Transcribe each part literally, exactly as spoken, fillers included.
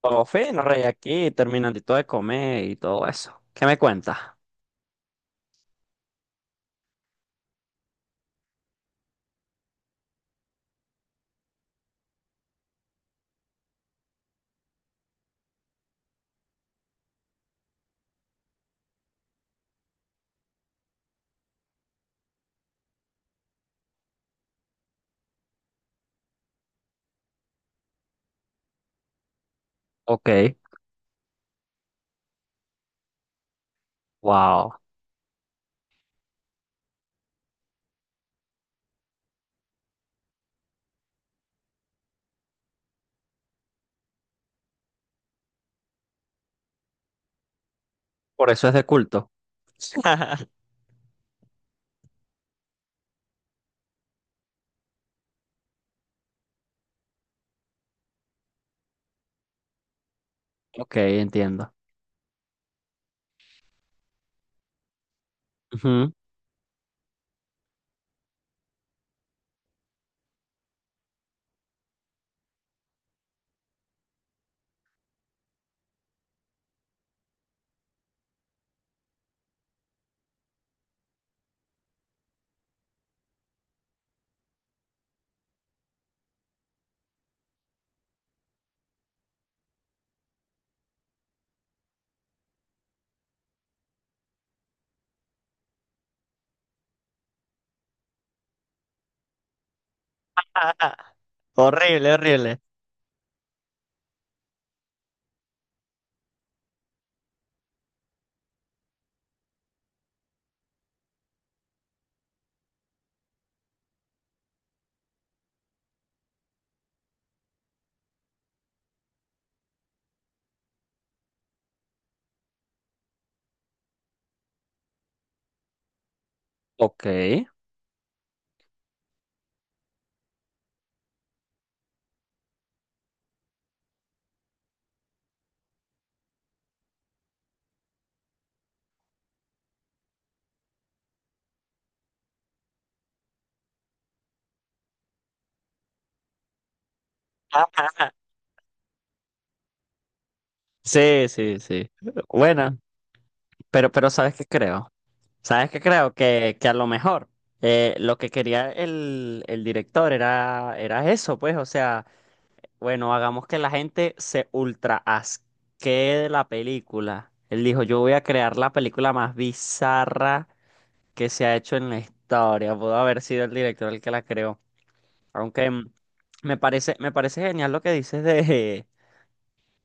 Todo fino, rey, aquí terminandito de comer y todo eso. ¿Qué me cuentas? Ok, wow. Por eso es de culto. Ok, entiendo. Ujú. Horrible, horrible. Ok. Sí, sí, sí. Bueno, pero, pero ¿sabes qué creo? ¿Sabes qué creo? Que, que a lo mejor eh, lo que quería el, el director era, era eso, pues, o sea. Bueno, hagamos que la gente se ultra asquee de la película. Él dijo, yo voy a crear la película más bizarra que se ha hecho en la historia. Pudo haber sido el director el que la creó. Aunque mm, me parece, me parece genial lo que dices de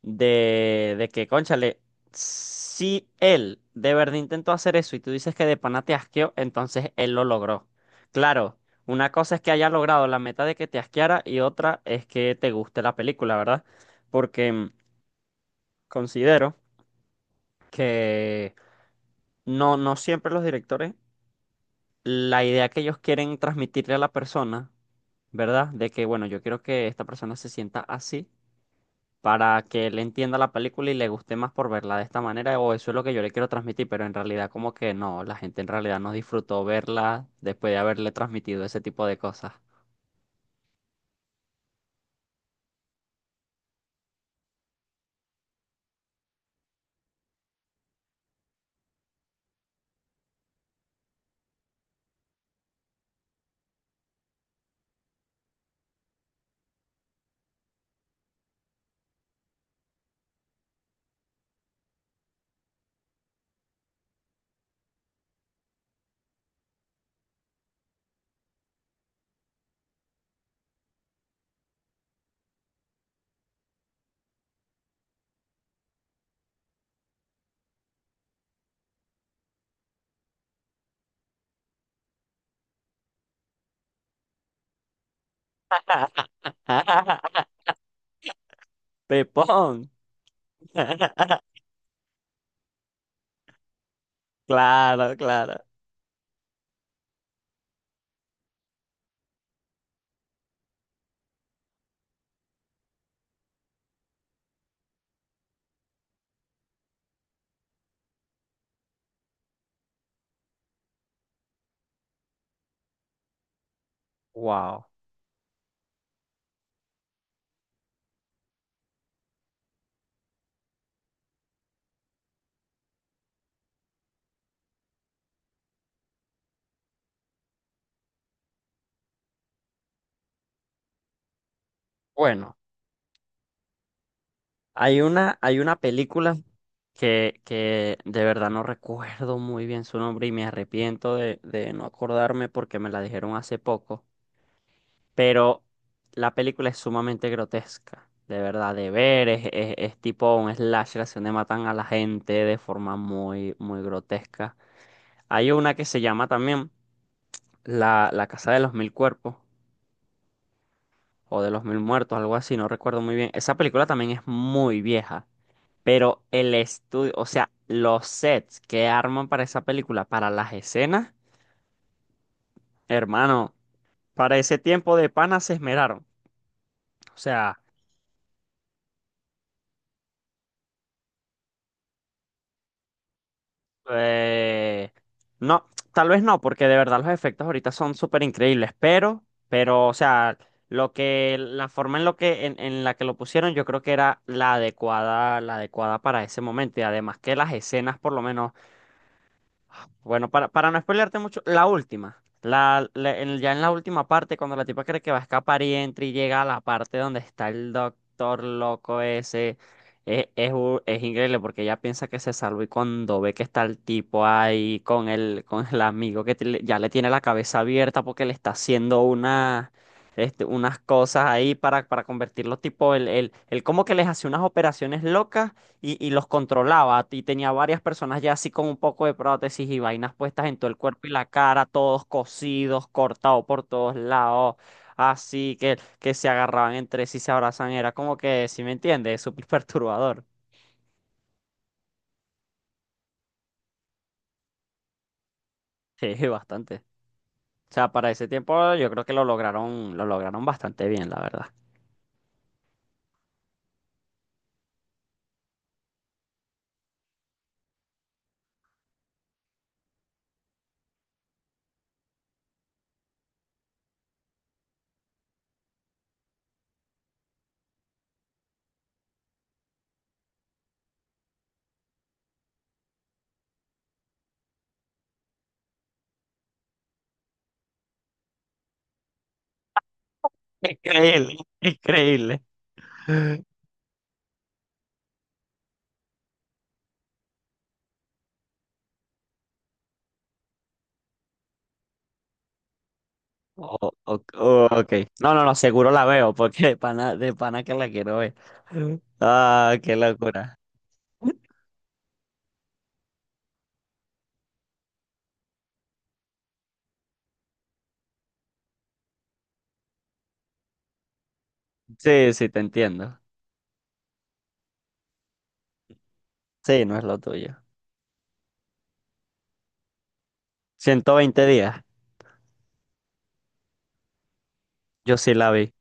de, de que, cónchale, si él de verdad intentó hacer eso y tú dices que de pana te asqueó, entonces él lo logró. Claro, una cosa es que haya logrado la meta de que te asqueara y otra es que te guste la película, ¿verdad? Porque mm, considero que no, no siempre los directores, la idea que ellos quieren transmitirle a la persona, ¿verdad? De que, bueno, yo quiero que esta persona se sienta así para que él entienda la película y le guste más por verla de esta manera, o eso es lo que yo le quiero transmitir, pero en realidad como que no, la gente en realidad no disfrutó verla después de haberle transmitido ese tipo de cosas. Pepón. Claro, claro. Wow. Bueno, hay una, hay una película que, que de verdad no recuerdo muy bien su nombre y me arrepiento de, de no acordarme porque me la dijeron hace poco. Pero la película es sumamente grotesca, de verdad, de ver, es, es- es tipo un slasher, así donde matan a la gente de forma muy, muy grotesca. Hay una que se llama también La, La Casa de los Mil Cuerpos, o de los Mil Muertos, algo así, no recuerdo muy bien. Esa película también es muy vieja, pero el estudio, o sea, los sets que arman para esa película, para las escenas, hermano, para ese tiempo de pana se esmeraron. O sea... Eh, no, tal vez no, porque de verdad los efectos ahorita son súper increíbles, pero, pero, o sea, lo que, la forma en lo que, en, en la que lo pusieron, yo creo que era la adecuada, la adecuada para ese momento. Y además que las escenas, por lo menos. Bueno, para, para no spoilearte mucho, la última. La, la- en- ya en la última parte, cuando la tipa cree que va a escapar y entra y llega a la parte donde está el doctor loco ese, eh, es, u- es, increíble porque ella piensa que se salvó y cuando ve que está el tipo ahí con el, con el amigo que te- le- ya le tiene la cabeza abierta porque le está haciendo una, este, unas cosas ahí para, para convertirlo tipo, el el el él como que les hace unas operaciones locas y, y los controlaba. Y tenía varias personas ya así con un poco de prótesis y vainas puestas en todo el cuerpo y la cara, todos cosidos, cortados por todos lados, así que, que se agarraban entre sí, se abrazan. Era como que, si me entiendes, súper perturbador. Sí, bastante. O sea, para ese tiempo yo creo que lo lograron, lo lograron bastante bien, la verdad. Increíble, increíble. O- o- o- ok. No, no, no, seguro la veo, porque de pana, de pana que la quiero ver. Ah, qué locura. Sí, sí, te entiendo. Sí, no es lo tuyo. Ciento veinte días. Yo sí la vi.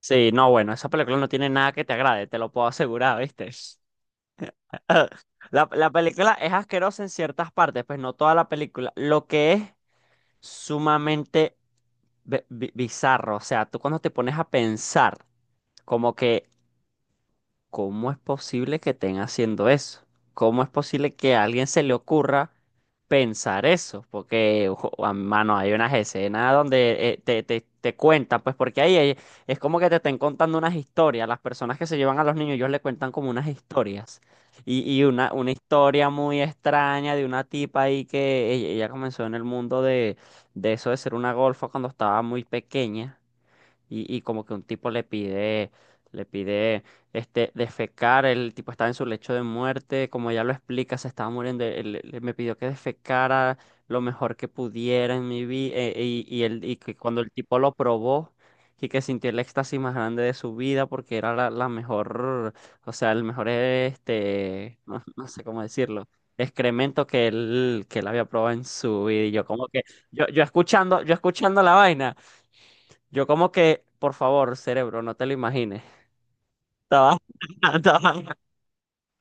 Sí, no, bueno, esa película no tiene nada que te agrade, te lo puedo asegurar, ¿viste? La, la película es asquerosa en ciertas partes, pues no toda la película. Lo que es sumamente bi- bi- bizarro, o sea, tú cuando te pones a pensar, como que ¿cómo es posible que estén haciendo eso? ¿Cómo es posible que a alguien se le ocurra pensar eso? Porque, ojo, a- mano, hay unas escenas donde eh, te, te, te cuentan, pues porque ahí hay- es como que te estén contando unas historias. Las personas que se llevan a los niños, ellos le cuentan como unas historias. Y, y una, una historia muy extraña de una tipa ahí que ella, ella comenzó en el mundo de, de eso de ser una golfa cuando estaba muy pequeña y, y como que un tipo le pide, le pide este, defecar, el tipo estaba en su lecho de muerte, como ya lo explica, se estaba muriendo, él- él me pidió que defecara lo mejor que pudiera en mi vida, y, y, él- y que cuando el tipo lo probó, y que sintió el éxtasis más grande de su vida porque era la, la mejor, o sea, el mejor, este, no, no sé cómo decirlo. Excremento que él, que él había probado en su vida y yo como que yo, yo escuchando yo escuchando la vaina yo como que, por favor, cerebro, no te lo imagines. Estaba- estaba-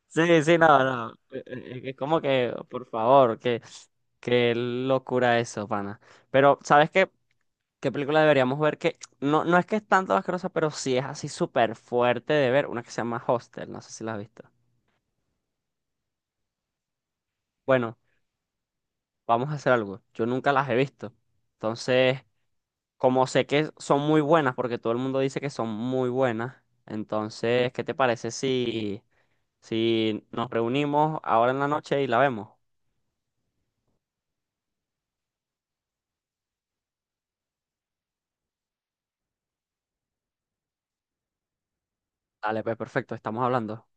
Sí, sí, no, no. Eh, eh, Es como que, por favor, que, qué locura eso, pana. Pero, ¿sabes qué? ¿Qué película deberíamos ver? Que no, no es que es tanto asquerosa, pero sí es así súper fuerte de ver. Una que se llama Hostel, no sé si la has visto. Bueno, vamos a hacer algo. Yo nunca las he visto. Entonces, como sé que son muy buenas, porque todo el mundo dice que son muy buenas, entonces, ¿qué te parece si... si nos reunimos ahora en la noche y la vemos. Dale, pues perfecto, estamos hablando.